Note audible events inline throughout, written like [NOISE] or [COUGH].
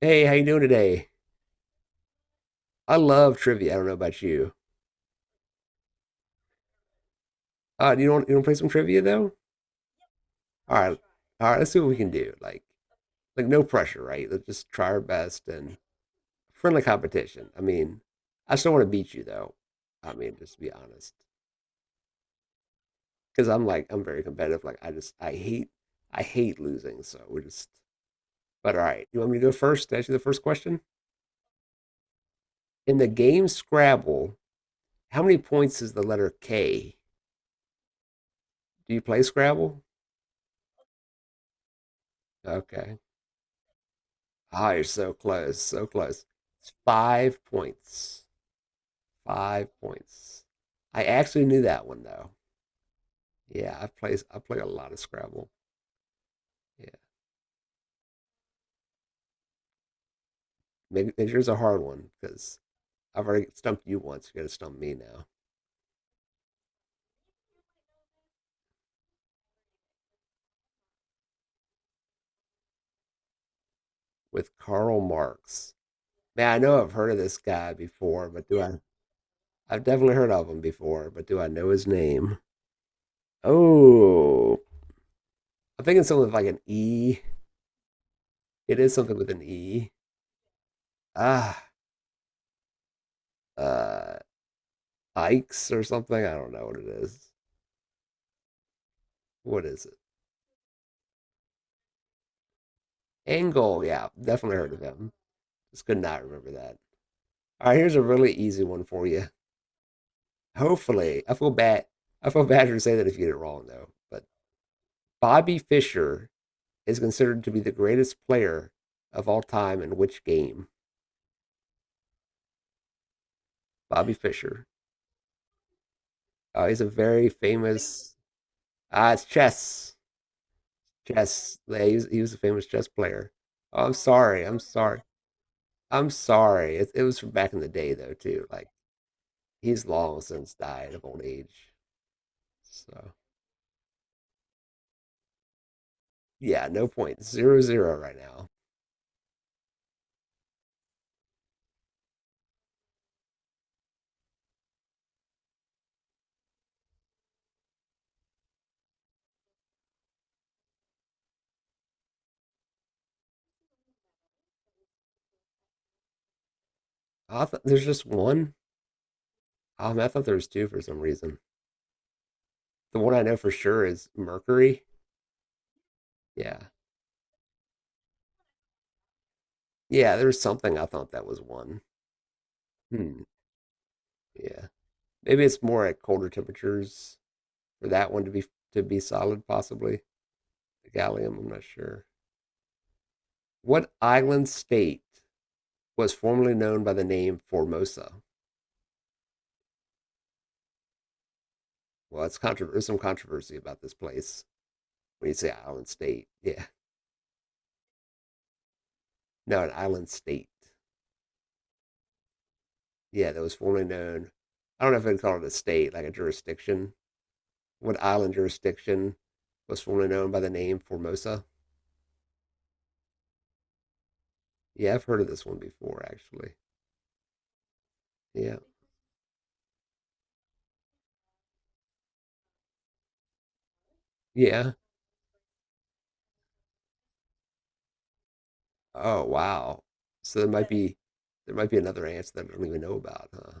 Hey, how you doing today? I love trivia. I don't know about you. You don't you want to play some trivia though? All right, all right. Let's see what we can do. Like no pressure, right? Let's just try our best and friendly competition. I mean, I still want to beat you though. I mean, just to be honest, because I'm very competitive. I hate losing. So we're just. But all right, you want me to go first? To ask you the first question in the game Scrabble. How many points is the letter K? Do you play Scrabble? Okay. Ah, you're so close, so close. It's 5 points. 5 points. I actually knew that one though. Yeah, I play a lot of Scrabble. Yeah, maybe yours a hard one because I've already stumped you once. You're gonna stump me now with Karl Marx. Man, I know I've heard of this guy before, but do I? I've definitely heard of him before, but do I know his name? Oh, I'm thinking something with like an E. It is something with an E. Ah, uh, Ikes or something. I don't know what it is. What is it? Angle. Yeah, definitely heard of him. Just could not remember that. All right, here's a really easy one for you. Hopefully, I feel bad. I feel bad to say that if you get it wrong though. But Bobby Fischer is considered to be the greatest player of all time in which game? Bobby Fischer. He's a very famous. It's chess. Chess. Yeah, he was a famous chess player. Oh, I'm sorry. I'm sorry. I'm sorry. It was from back in the day though too. Like he's long since died of old age. So yeah, no point. 0-0 right now. I thought there's just one. I thought there was two for some reason. The one I know for sure is Mercury. Yeah. Yeah, there was something I thought that was one. Hmm. Yeah. Maybe it's more at colder temperatures for that one to be solid, possibly. The gallium, I'm not sure. What island state was formerly known by the name Formosa? Well, it's there's some controversy about this place. When you say Island State. Yeah. [LAUGHS] No, an island state. Yeah, that was formerly known. I don't know if I'd call it a state, like a jurisdiction. What island jurisdiction was formerly known by the name Formosa? Yeah, I've heard of this one before, actually. Yeah. Yeah. Oh, wow. So there might be another answer that I don't even know about, huh?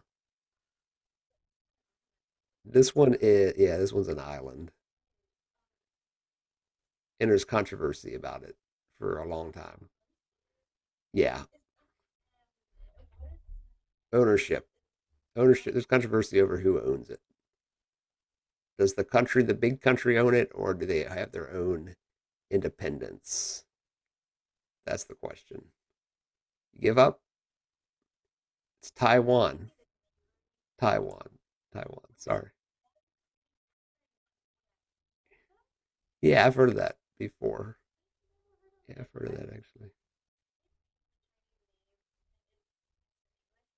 This one is yeah, this one's an island. And there's controversy about it for a long time. Yeah. Ownership. Ownership. There's controversy over who owns it. Does the country, the big country, own it, or do they have their own independence? That's the question. You give up? It's Taiwan. Taiwan. Taiwan. Sorry. Yeah, I've heard of that before. Yeah, I've heard of that actually.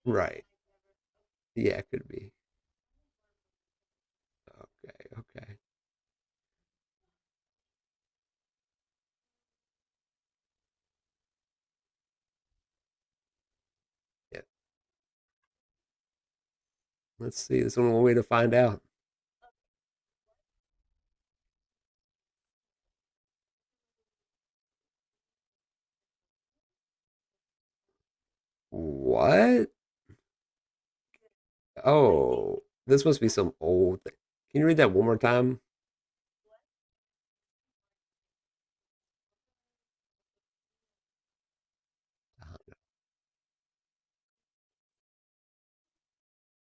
Right. Yeah, it could be. Okay. Okay. Yeah. Let's see. This one one way to find out. What? Oh, this must be some old thing. Can you read that one more time? Uh-huh.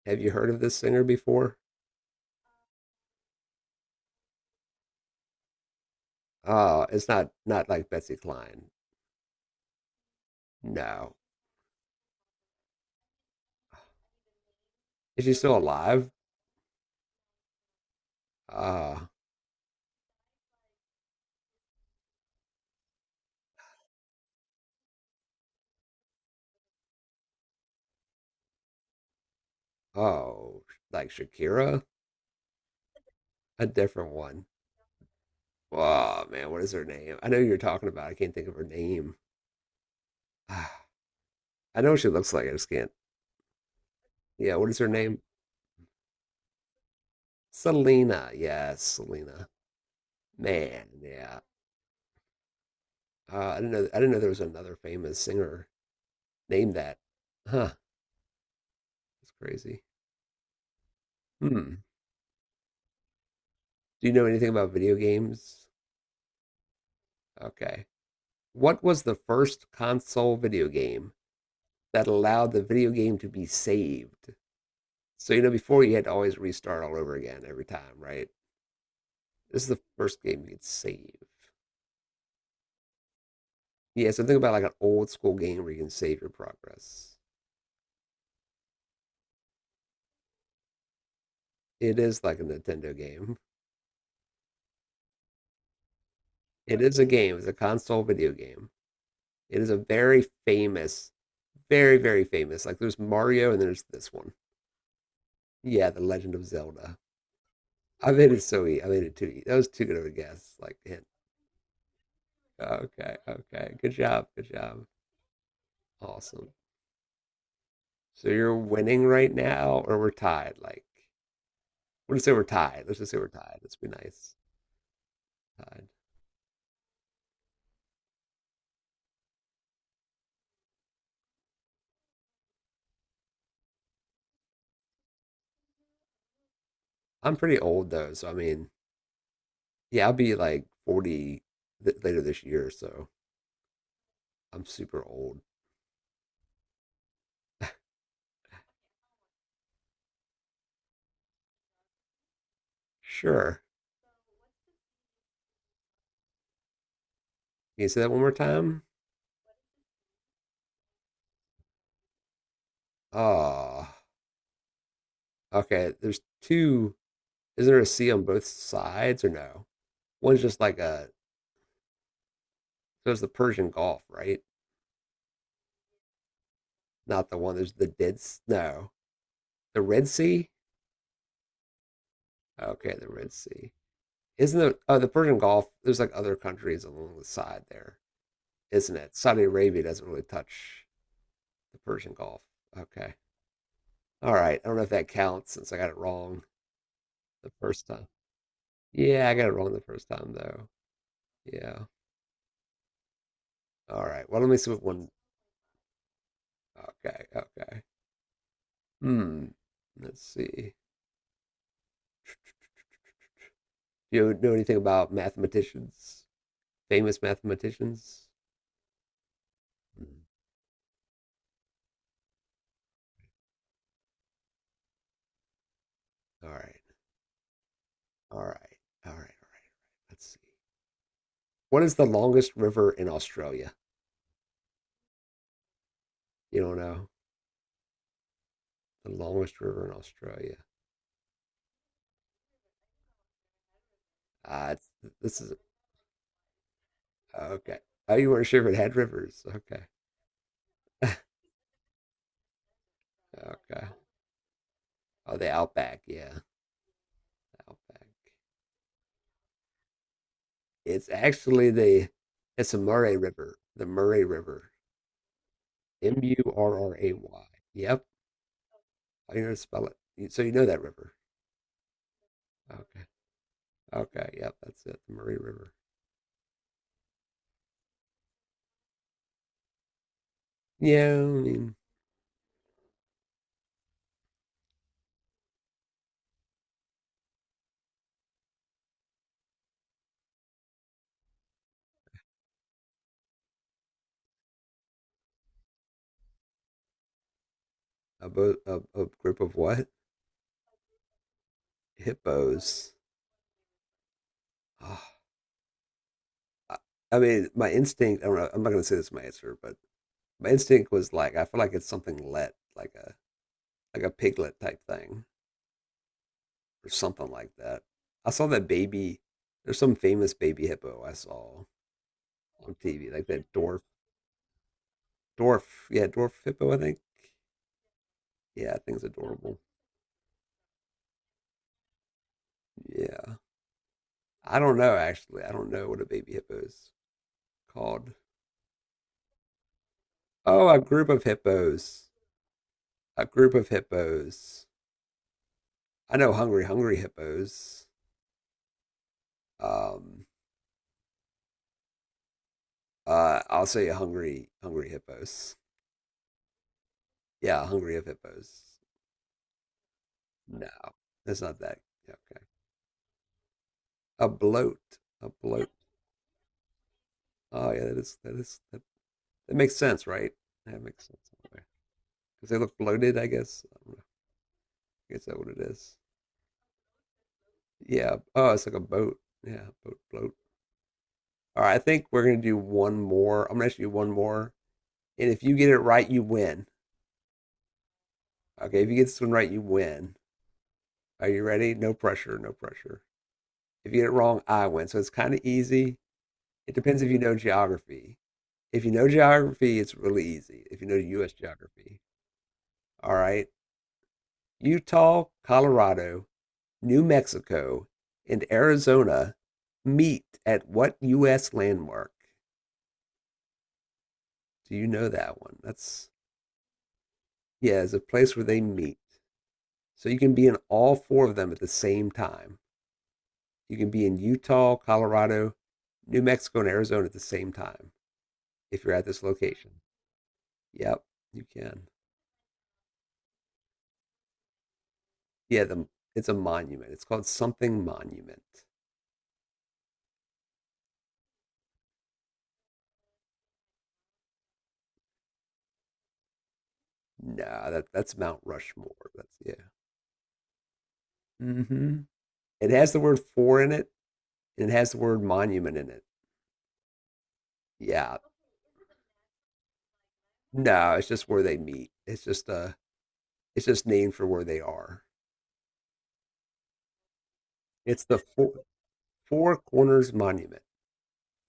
Have you heard of this singer before? It's not like Betsy Klein. No, is she still alive? Uh, oh, like Shakira? A different one. Oh, man, what is her name? I know you're talking about. I can't think of her name. Ah, I know what she looks like. I just can't. Yeah, what is her name? Selena. Yes, Selena. Man, yeah. I didn't know. I didn't know there was another famous singer named that. Huh. That's crazy. Hmm. Do you know anything about video games? Okay. What was the first console video game that allowed the video game to be saved? So you know, before you had to always restart all over again every time, right? This is the first game you can save. Yeah, so think about like an old school game where you can save your progress. It is like a Nintendo game. It is a game. It's a console video game. It is a very famous, very famous. Like there's Mario and there's this one. Yeah, The Legend of Zelda. I made it so easy. I made it too easy. That was too good of a guess. Like hint. Okay, okay. Good job. Good job. Awesome. So you're winning right now, or we're tied. Like we'll just say we're tied. Let's just say we're tied. Let's be nice. Tied. I'm pretty old though, so I mean, yeah, I'll be like 40 later this year, so I'm super old. Sure. Can you say that one more time? Oh, okay. There's two. Is there a sea on both sides or no? One's just like a. So it's the Persian Gulf, right? Not the one. There's the Dead. No, the Red Sea. Okay, the Red Sea. Isn't the Persian Gulf? There's like other countries along the side there. Isn't it? Saudi Arabia doesn't really touch the Persian Gulf. Okay. All right. I don't know if that counts since I got it wrong the first time. Yeah, I got it wrong the first time though. Yeah. All right. Well, let me see what one. Okay. Okay. Hmm. Let's see. Do you know anything about mathematicians? Famous mathematicians? Mm-hmm. All right. All right. All right. Let's see. What is the longest river in Australia? You don't know the longest river in Australia. It's, this is Okay. Oh, you weren't sure if it had rivers. Okay. [LAUGHS] Okay. Oh, the Outback. Yeah, Outback. It's actually the it's the Murray River. The Murray River. Murray. Yep. I know how to spell it. You- So you know that river. Okay. Okay. Yep. That's it. The Murray River. Yeah. I mean, a group of what? Hippos. Ah, I, I mean, my instinct. I don't know. I'm not gonna say this is my answer, but my instinct was like, I feel like it's like a piglet type thing or something like that. I saw that baby. There's some famous baby hippo I saw on TV, like that dwarf, yeah, dwarf hippo. I think, yeah, I think it's adorable. Yeah, I don't know actually. I don't know what a baby hippo is called. Oh, a group of hippos. A group of hippos. I know hungry, hungry hippos. Um, I'll say hungry, hungry hippos. Yeah, hungry of hippos. No, that's not that. Yeah, okay. A bloat. A bloat. Oh yeah, that makes sense, right? That makes sense because they look bloated. I guess. I don't know. I guess that what it is. Yeah. Oh, it's like a boat. Yeah, boat bloat. All right. I think we're gonna do one more. I'm gonna ask you one more, and if you get it right, you win. Okay. If you get this one right, you win. Are you ready? No pressure. No pressure. If you get it wrong, I win. So it's kind of easy. It depends if you know geography. If you know geography, it's really easy. If you know U.S. geography, all right. Utah, Colorado, New Mexico, and Arizona meet at what U.S. landmark? Do you know that one? That's, yeah, it's a place where they meet. So you can be in all four of them at the same time. You can be in Utah, Colorado, New Mexico, and Arizona at the same time if you're at this location. Yep, you can. Yeah, it's a monument. It's called something monument. Nah, that's Mount Rushmore. That's yeah. Mm-hmm. It has the word "for" in it, and it has the word "monument" in it. Yeah, no, it's just where they meet. It's just named for where they are. It's the four, four Corners Monument.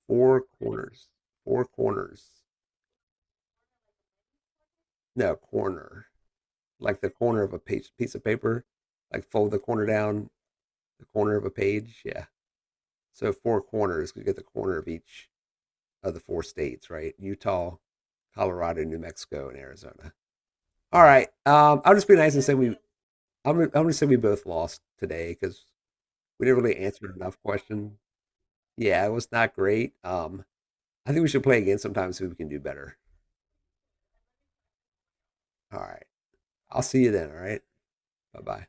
Four corners, four corners. No corner, like the corner of a page, piece of paper, like fold the corner down, the corner of a page. Yeah. So four corners. 'Cause you get the corner of each of the four states, right? Utah, Colorado, New Mexico, and Arizona. All right. I'll just be nice and say we I'm gonna say we both lost today because we didn't really answer enough question. Yeah, it was not great. I think we should play again sometime so we can do better. All right. I'll see you then. All right. Bye bye.